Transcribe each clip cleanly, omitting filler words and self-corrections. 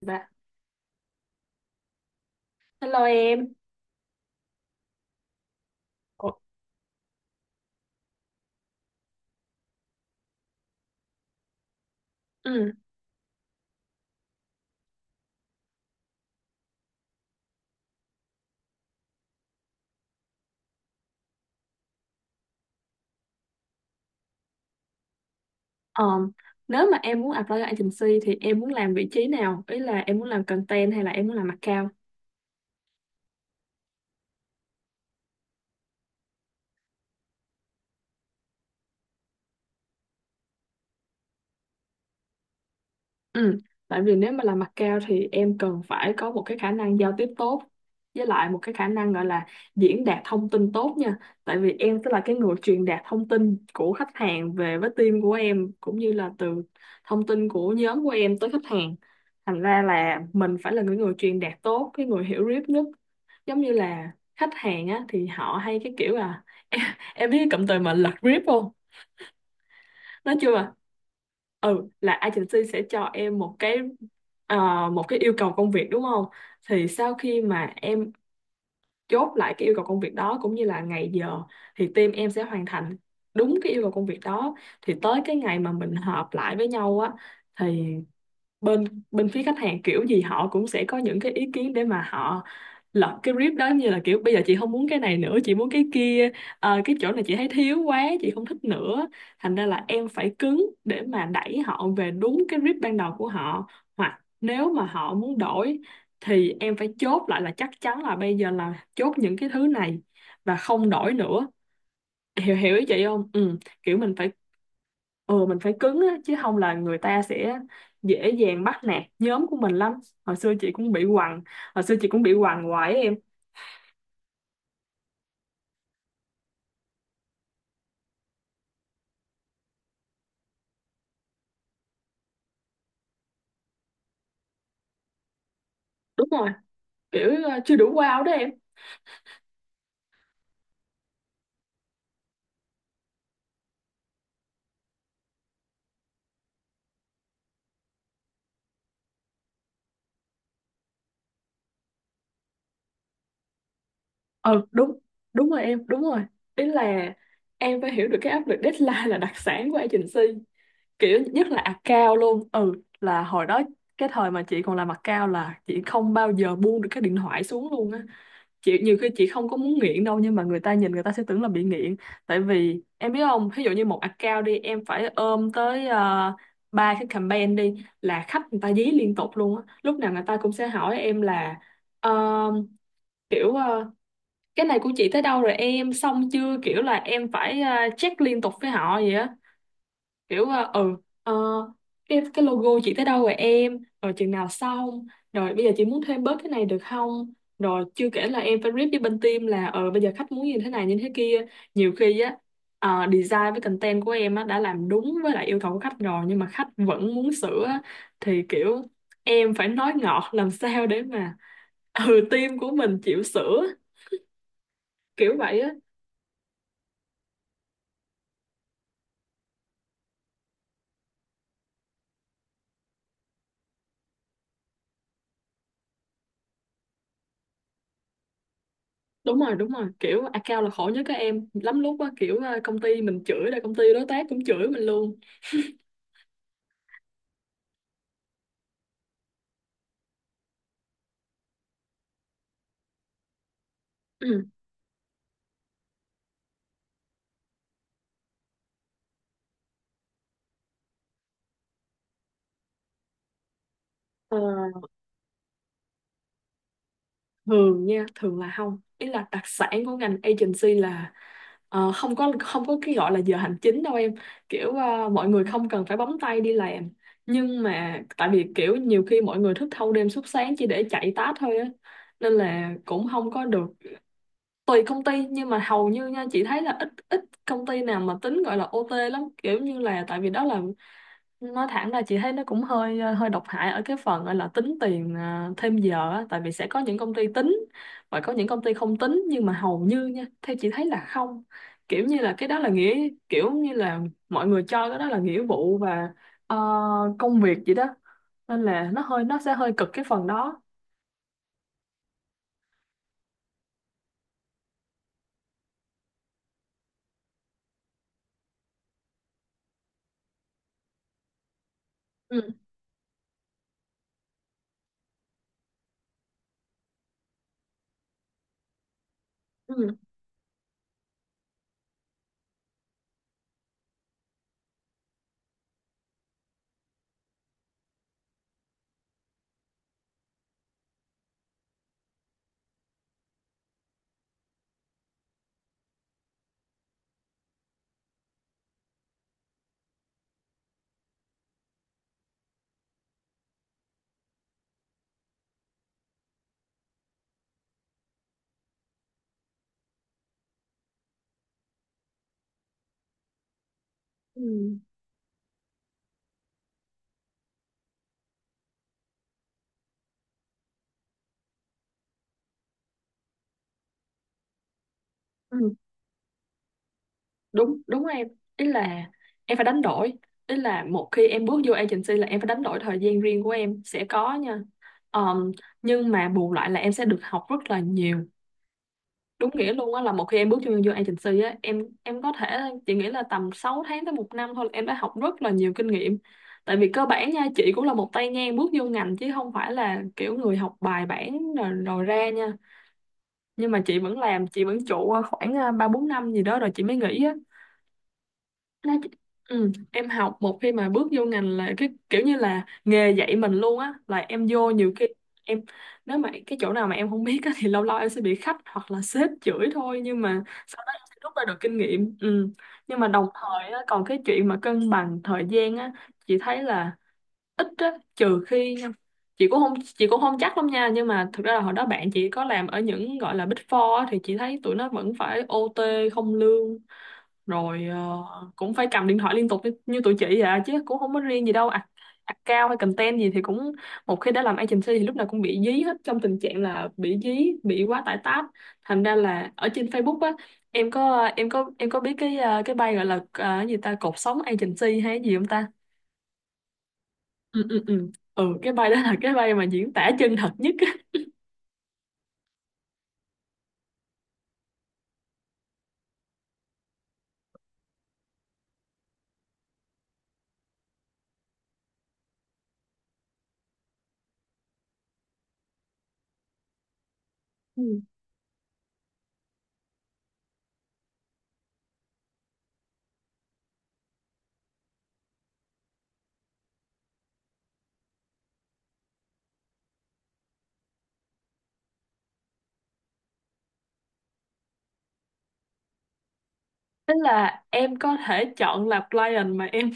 Dạ. Hello em. Ừ. ờm, Nếu mà em muốn apply cho agency thì em muốn làm vị trí nào? Ý là em muốn làm content hay là em muốn làm account? Ừ, tại vì nếu mà làm mặt cao thì em cần phải có một cái khả năng giao tiếp tốt với lại một cái khả năng gọi là diễn đạt thông tin tốt nha. Tại vì em sẽ là cái người truyền đạt thông tin của khách hàng về với team của em cũng như là từ thông tin của nhóm của em tới khách hàng. Thành ra là mình phải là người người truyền đạt tốt, cái người hiểu biết nhất. Giống như là khách hàng á thì họ hay cái kiểu là em, em biết cái cụm từ mà lật rip không? Nói chung là ừ, là agency sẽ cho em ờ, một cái yêu cầu công việc đúng không? Thì sau khi mà em chốt lại cái yêu cầu công việc đó cũng như là ngày giờ thì team em sẽ hoàn thành đúng cái yêu cầu công việc đó, thì tới cái ngày mà mình họp lại với nhau á thì bên bên phía khách hàng kiểu gì họ cũng sẽ có những cái ý kiến để mà họ lật cái brief đó, như là kiểu bây giờ chị không muốn cái này nữa, chị muốn cái kia. Ờ, cái chỗ này chị thấy thiếu quá, chị không thích nữa. Thành ra là em phải cứng để mà đẩy họ về đúng cái brief ban đầu của họ, hoặc nếu mà họ muốn đổi thì em phải chốt lại là chắc chắn là bây giờ là chốt những cái thứ này và không đổi nữa. Hiểu hiểu ý chị không? Ừ, kiểu mình phải cứng á, chứ không là người ta sẽ dễ dàng bắt nạt nhóm của mình lắm. hồi xưa chị cũng bị quằn Hồi xưa chị cũng bị quằn hoài á em. Đúng rồi, kiểu chưa đủ wow đó em. Ừ, đúng đúng rồi em, đúng rồi. Ý là em phải hiểu được cái áp lực deadline là đặc sản của agency, kiểu nhất là account luôn. Ừ là hồi đó, cái thời mà chị còn làm account là chị không bao giờ buông được cái điện thoại xuống luôn á. Chị nhiều khi chị không có muốn nghiện đâu nhưng mà người ta nhìn người ta sẽ tưởng là bị nghiện. Tại vì em biết không, ví dụ như một account đi, em phải ôm tới ba cái campaign đi là khách người ta dí liên tục luôn á, lúc nào người ta cũng sẽ hỏi em là ờ, kiểu ờ, cái này của chị tới đâu rồi, em xong chưa? Kiểu là em phải check liên tục với họ vậy á, kiểu ờ, cái logo chị tới đâu rồi em, rồi chừng nào xong, rồi bây giờ chị muốn thêm bớt cái này được không? Rồi chưa kể là em phải rep với bên team là bây giờ khách muốn như thế này như thế kia. Nhiều khi á, design với content của em á đã làm đúng với lại yêu cầu của khách rồi nhưng mà khách vẫn muốn sửa á, thì kiểu em phải nói ngọt làm sao để mà team của mình chịu sửa, kiểu vậy á. Đúng rồi, đúng rồi, kiểu account là khổ nhất các em lắm lúc á, kiểu công ty mình chửi rồi công ty đối tác cũng chửi mình luôn. Ừ. Ờ, Thường nha, thường là không. Ý là đặc sản của ngành agency là không có cái gọi là giờ hành chính đâu em. Kiểu mọi người không cần phải bấm tay đi làm nhưng mà tại vì kiểu nhiều khi mọi người thức thâu đêm suốt sáng chỉ để chạy task thôi á, nên là cũng không có được. Tùy công ty nhưng mà hầu như nha, chị thấy là ít, ít công ty nào mà tính gọi là OT lắm. Kiểu như là tại vì đó là, nói thẳng ra chị thấy nó cũng hơi độc hại ở cái phần gọi là tính tiền à, thêm giờ á. Tại vì sẽ có những công ty tính và có những công ty không tính nhưng mà hầu như nha theo chị thấy là không, kiểu như là cái đó là nghĩa, kiểu như là mọi người cho cái đó là nghĩa vụ và ờ, công việc gì đó, nên là nó sẽ hơi cực cái phần đó. Ừ, ừ, ừ, đúng đúng em. Ý là em phải đánh đổi, ý là một khi em bước vô agency là em phải đánh đổi thời gian riêng của em sẽ có nha. Ờm, nhưng mà bù lại là em sẽ được học rất là nhiều. Đúng nghĩa luôn á, là một khi em bước vô vô agency á em có thể, chị nghĩ là tầm 6 tháng tới một năm thôi là em đã học rất là nhiều kinh nghiệm. Tại vì cơ bản nha, chị cũng là một tay ngang bước vô ngành chứ không phải là kiểu người học bài bản rồi ra nha. Nhưng mà chị vẫn làm, chị vẫn trụ khoảng ba bốn năm gì đó rồi chị mới nghỉ á. Nói chứ- Ừ, em học một khi mà bước vô ngành là cái kiểu như là nghề dạy mình luôn á. Là em vô nhiều khi em nếu mà cái chỗ nào mà em không biết á, thì lâu lâu em sẽ bị khách hoặc là sếp chửi thôi nhưng mà sau đó em sẽ rút ra được kinh nghiệm. Ừ. Nhưng mà đồng thời á, còn cái chuyện mà cân bằng thời gian á, chị thấy là ít á, trừ khi chị cũng không chắc lắm nha nhưng mà thực ra là hồi đó bạn chị có làm ở những gọi là Big Four á, thì chị thấy tụi nó vẫn phải OT không lương, rồi cũng phải cầm điện thoại liên tục như tụi chị vậy à, chứ cũng không có riêng gì đâu à, account hay content gì thì cũng một khi đã làm agency thì lúc nào cũng bị dí hết trong tình trạng là bị dí bị quá tải task. Thành ra là ở trên Facebook á, em có biết cái cái bay gọi là cái gì ta, cột sống agency hay cái gì không ta? Ừ, ừ, ừ, ừ, cái bay đó là cái bay mà diễn tả chân thật nhất á. Ừ. Tức là em có thể chọn là client mà em.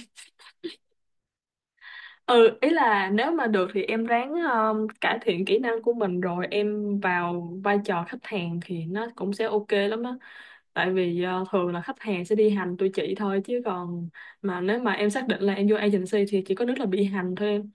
Ừ, ý là nếu mà được thì em ráng cải thiện kỹ năng của mình rồi em vào vai trò khách hàng thì nó cũng sẽ ok lắm á. Tại vì thường là khách hàng sẽ đi hành tụi chị thôi, chứ còn mà nếu mà em xác định là em vô agency thì chỉ có nước là bị hành thôi em.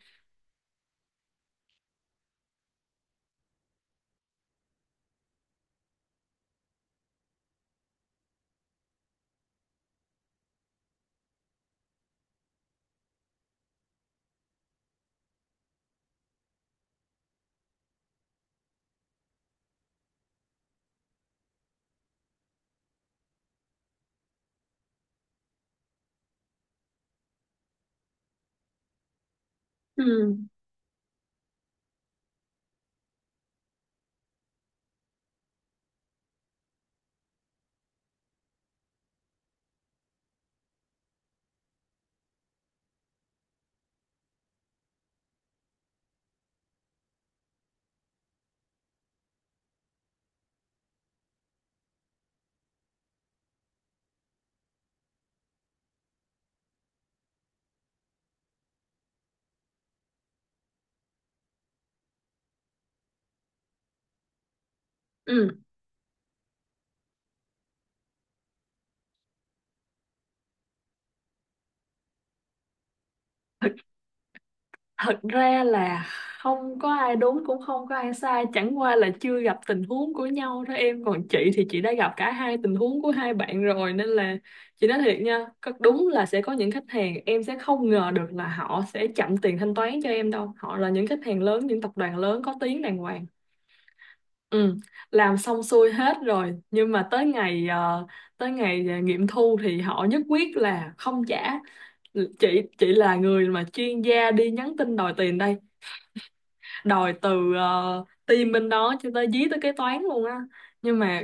Ừ. Ừ. Thật ra là không có ai đúng cũng không có ai sai, chẳng qua là chưa gặp tình huống của nhau thôi em. Còn chị thì chị đã gặp cả hai tình huống của hai bạn rồi nên là chị nói thiệt nha, đúng là sẽ có những khách hàng em sẽ không ngờ được là họ sẽ chậm tiền thanh toán cho em đâu. Họ là những khách hàng lớn, những tập đoàn lớn có tiếng đàng hoàng. Ừ, làm xong xuôi hết rồi nhưng mà tới ngày nghiệm thu thì họ nhất quyết là không trả. Chị là người mà chuyên gia đi nhắn tin đòi tiền đây, đòi từ team bên đó cho tới dí tới kế toán luôn á. Nhưng mà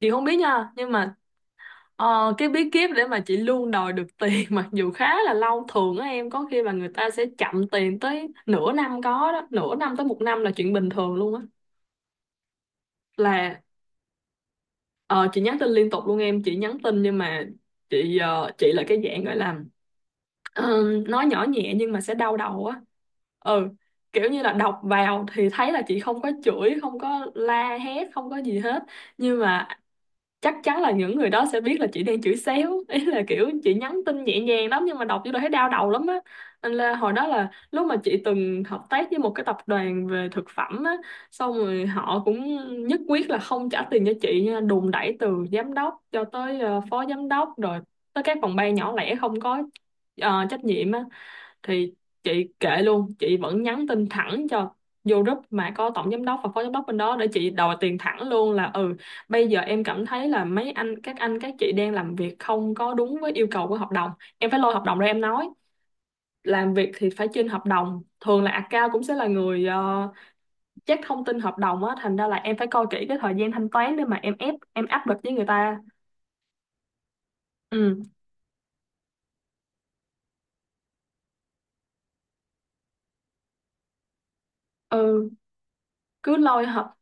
chị không biết nha, nhưng mà cái bí kíp để mà chị luôn đòi được tiền mặc dù khá là lâu, thường á em có khi là người ta sẽ chậm tiền tới nửa năm có đó, nửa năm tới một năm là chuyện bình thường luôn á. Là ờ, chị nhắn tin liên tục luôn em, chị nhắn tin nhưng mà chị là cái dạng gọi là, nói nhỏ nhẹ nhưng mà sẽ đau đầu á. Ừ, kiểu như là đọc vào thì thấy là chị không có chửi, không có la hét, không có gì hết nhưng mà chắc chắn là những người đó sẽ biết là chị đang chửi xéo ý là kiểu chị nhắn tin nhẹ nhàng lắm nhưng mà đọc vô đó thấy đau đầu lắm á. Nên là hồi đó là lúc mà chị từng hợp tác với một cái tập đoàn về thực phẩm á, xong rồi họ cũng nhất quyết là không trả tiền cho chị nha, đùn đẩy từ giám đốc cho tới phó giám đốc, rồi tới các phòng ban nhỏ lẻ không có trách nhiệm á. Thì chị kệ luôn, chị vẫn nhắn tin thẳng cho, vô group mà có tổng giám đốc và phó giám đốc bên đó để chị đòi tiền thẳng luôn là: Ừ, bây giờ em cảm thấy là mấy anh các chị đang làm việc không có đúng với yêu cầu của hợp đồng, em phải lôi hợp đồng ra em nói làm việc thì phải trên hợp đồng. Thường là account cũng sẽ là người check thông tin hợp đồng á, thành ra là em phải coi kỹ cái thời gian thanh toán để mà em ép em áp lực với người ta. Ừ, ừ cứ lôi hợp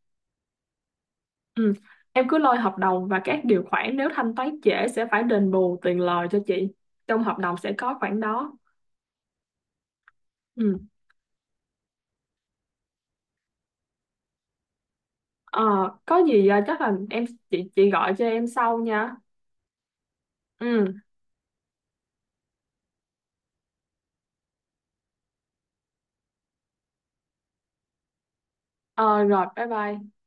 Ừ. Em cứ lôi hợp đồng và các điều khoản, nếu thanh toán trễ sẽ phải đền bù tiền lời cho chị. Trong hợp đồng sẽ có khoản đó. Ừ. Ờ, có gì à, chắc là em, chị gọi cho em sau nha. Ừ. Ờ, Rồi bye bye.